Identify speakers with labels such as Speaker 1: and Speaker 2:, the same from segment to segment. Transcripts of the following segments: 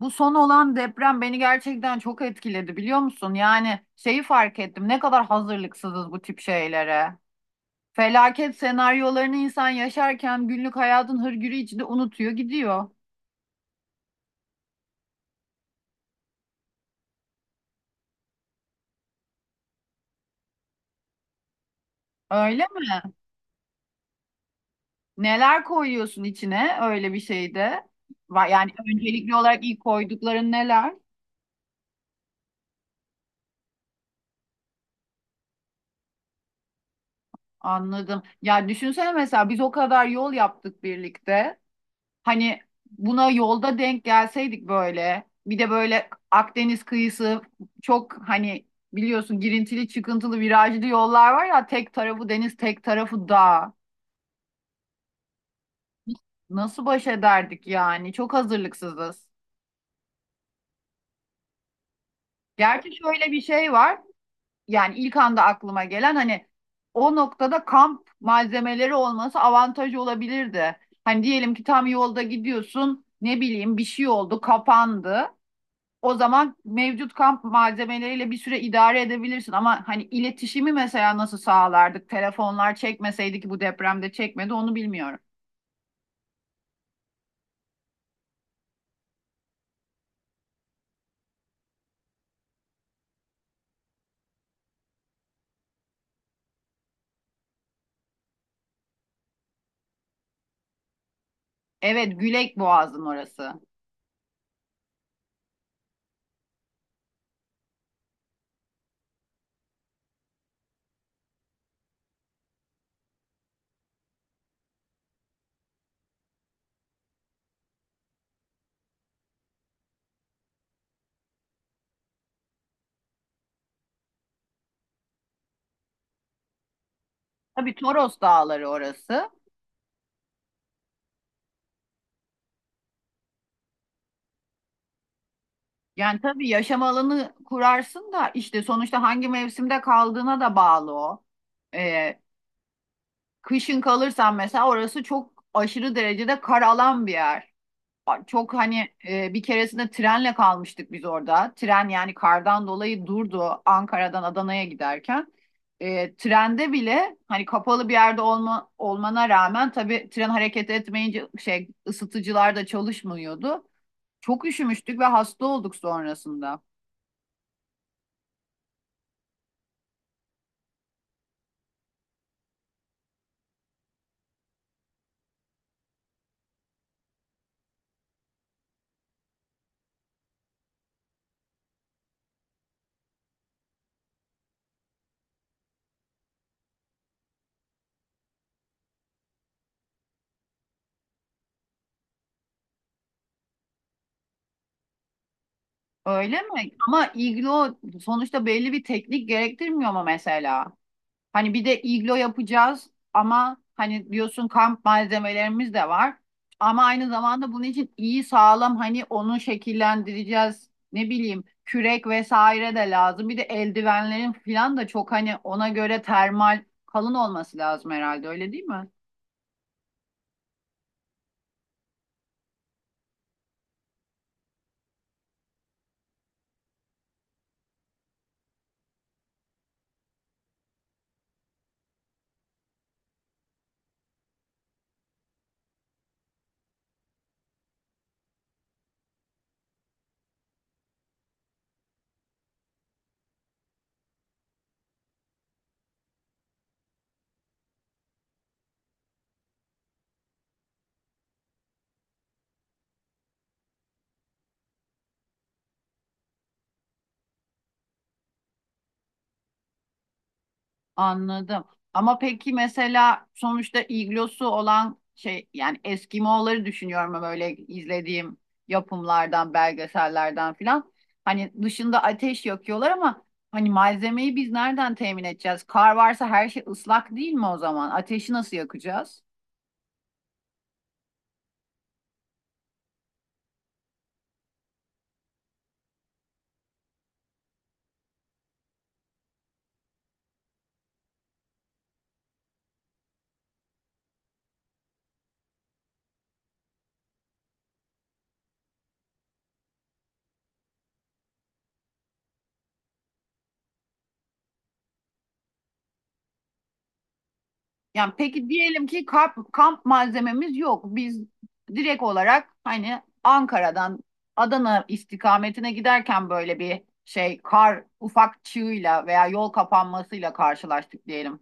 Speaker 1: Bu son olan deprem beni gerçekten çok etkiledi, biliyor musun? Yani şeyi fark ettim, ne kadar hazırlıksızız bu tip şeylere. Felaket senaryolarını insan yaşarken günlük hayatın hırgürü içinde unutuyor gidiyor. Öyle mi? Neler koyuyorsun içine öyle bir şeyde? Yani öncelikli olarak ilk koydukların neler? Anladım. Ya düşünsene, mesela biz o kadar yol yaptık birlikte. Hani buna yolda denk gelseydik, böyle bir de böyle Akdeniz kıyısı, çok hani, biliyorsun, girintili çıkıntılı virajlı yollar var ya, tek tarafı deniz tek tarafı dağ. Nasıl baş ederdik yani? Çok hazırlıksızız. Gerçi şöyle bir şey var. Yani ilk anda aklıma gelen, hani o noktada kamp malzemeleri olması avantajı olabilirdi. Hani diyelim ki tam yolda gidiyorsun, ne bileyim, bir şey oldu, kapandı. O zaman mevcut kamp malzemeleriyle bir süre idare edebilirsin, ama hani iletişimi mesela nasıl sağlardık? Telefonlar çekmeseydi, ki bu depremde çekmedi, onu bilmiyorum. Evet, Gülek Boğazı'nın orası. Tabii, Toros Dağları orası. Yani tabii yaşam alanı kurarsın da işte sonuçta hangi mevsimde kaldığına da bağlı o. Ee, kışın kalırsan mesela, orası çok aşırı derecede kar alan bir yer. Çok hani, bir keresinde trenle kalmıştık biz orada. Tren yani kardan dolayı durdu, Ankara'dan Adana'ya giderken. Trende bile hani kapalı bir yerde olma, olmana rağmen, tabii tren hareket etmeyince şey, ısıtıcılar da çalışmıyordu. Çok üşümüştük ve hasta olduk sonrasında. Öyle mi? Ama iglo sonuçta belli bir teknik gerektirmiyor mu mesela? Hani bir de iglo yapacağız, ama hani diyorsun, kamp malzemelerimiz de var. Ama aynı zamanda bunun için iyi sağlam, hani onu şekillendireceğiz. Ne bileyim, kürek vesaire de lazım. Bir de eldivenlerin falan da çok hani ona göre termal, kalın olması lazım herhalde, öyle değil mi? Anladım. Ama peki mesela sonuçta iglosu olan şey, yani Eskimo'ları düşünüyorum, ama böyle izlediğim yapımlardan, belgesellerden filan. Hani dışında ateş yakıyorlar, ama hani malzemeyi biz nereden temin edeceğiz? Kar varsa her şey ıslak değil mi o zaman? Ateşi nasıl yakacağız? Yani peki diyelim ki kamp malzememiz yok. Biz direkt olarak hani Ankara'dan Adana istikametine giderken böyle bir şey, kar, ufak çığıyla veya yol kapanmasıyla karşılaştık diyelim.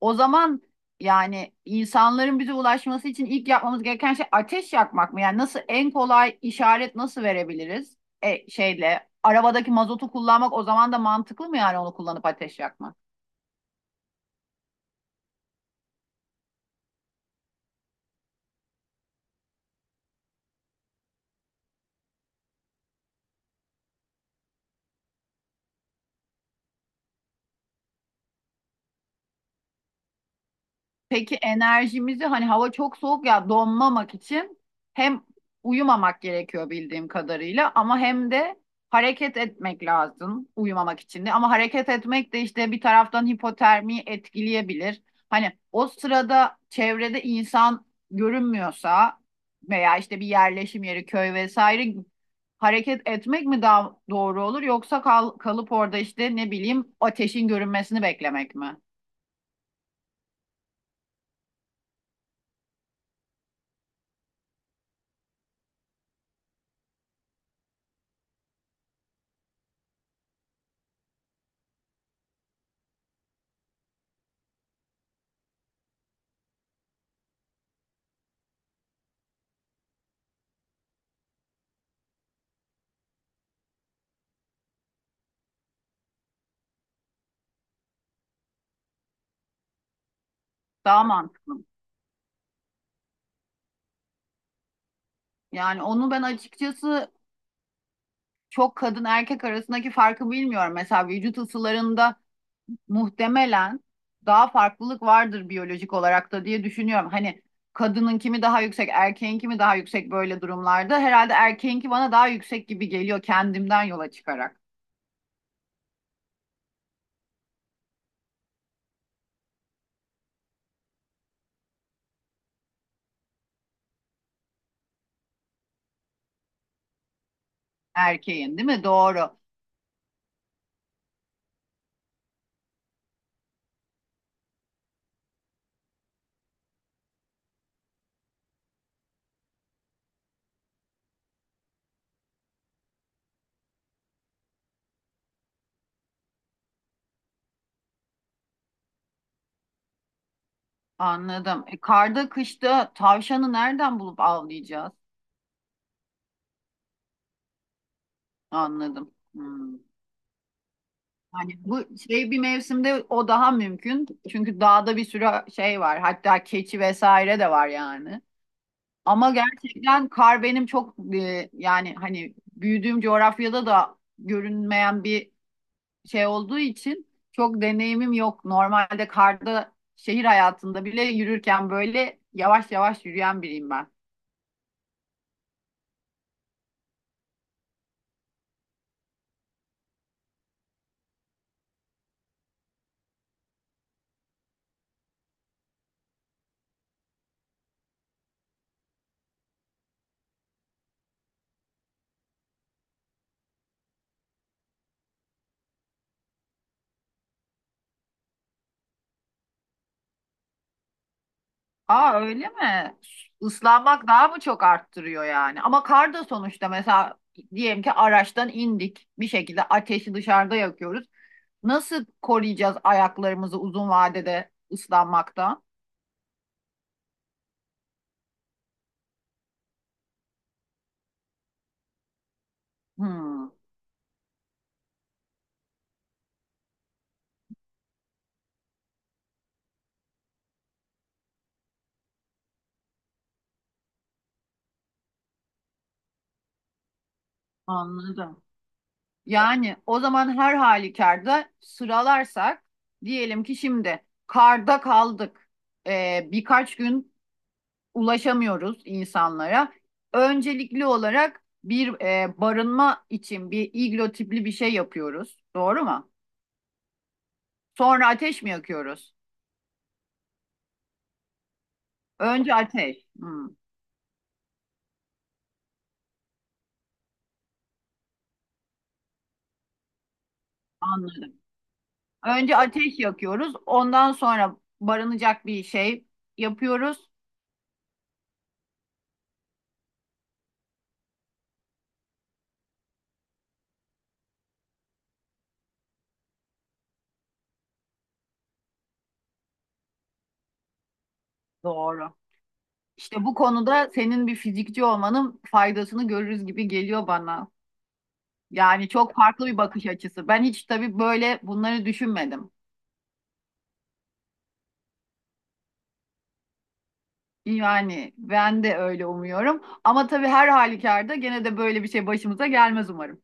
Speaker 1: O zaman yani insanların bize ulaşması için ilk yapmamız gereken şey ateş yakmak mı? Yani nasıl, en kolay işaret nasıl verebiliriz? Şeyle arabadaki mazotu kullanmak o zaman da mantıklı mı, yani onu kullanıp ateş yakmak? Peki enerjimizi, hani hava çok soğuk ya, donmamak için hem uyumamak gerekiyor bildiğim kadarıyla, ama hem de hareket etmek lazım uyumamak için de. Ama hareket etmek de işte bir taraftan hipotermiyi etkileyebilir. Hani o sırada çevrede insan görünmüyorsa veya işte bir yerleşim yeri, köy vesaire, hareket etmek mi daha doğru olur, yoksa kalıp orada işte ne bileyim ateşin görünmesini beklemek mi? Daha mantıklı. Yani onu ben açıkçası çok, kadın erkek arasındaki farkı bilmiyorum. Mesela vücut ısılarında muhtemelen daha farklılık vardır biyolojik olarak da diye düşünüyorum. Hani kadının kimi daha yüksek, erkeğin kimi daha yüksek böyle durumlarda. Herhalde erkeğinki bana daha yüksek gibi geliyor, kendimden yola çıkarak. Erkeğin, değil mi? Doğru. Anladım. Karda, kışta tavşanı nereden bulup avlayacağız? Anladım. Hmm. Yani bu şey, bir mevsimde o daha mümkün. Çünkü dağda bir sürü şey var. Hatta keçi vesaire de var yani. Ama gerçekten kar benim çok, yani hani büyüdüğüm coğrafyada da görünmeyen bir şey olduğu için çok deneyimim yok. Normalde karda, şehir hayatında bile yürürken böyle yavaş yavaş yürüyen biriyim ben. Aa, öyle mi? Islanmak daha mı çok arttırıyor yani? Ama kar da sonuçta, mesela diyelim ki araçtan indik. Bir şekilde ateşi dışarıda yakıyoruz. Nasıl koruyacağız ayaklarımızı uzun vadede ıslanmaktan? Hmm, anladım. Yani o zaman her halükarda sıralarsak, diyelim ki şimdi karda kaldık. Birkaç gün ulaşamıyoruz insanlara. Öncelikli olarak bir barınma için bir iglo tipli bir şey yapıyoruz. Doğru mu? Sonra ateş mi yakıyoruz? Önce ateş. Anladım. Önce ateş yakıyoruz. Ondan sonra barınacak bir şey yapıyoruz. Doğru. İşte bu konuda senin bir fizikçi olmanın faydasını görürüz gibi geliyor bana. Yani çok farklı bir bakış açısı. Ben hiç tabii böyle bunları düşünmedim. Yani ben de öyle umuyorum. Ama tabii her halükarda gene de böyle bir şey başımıza gelmez umarım.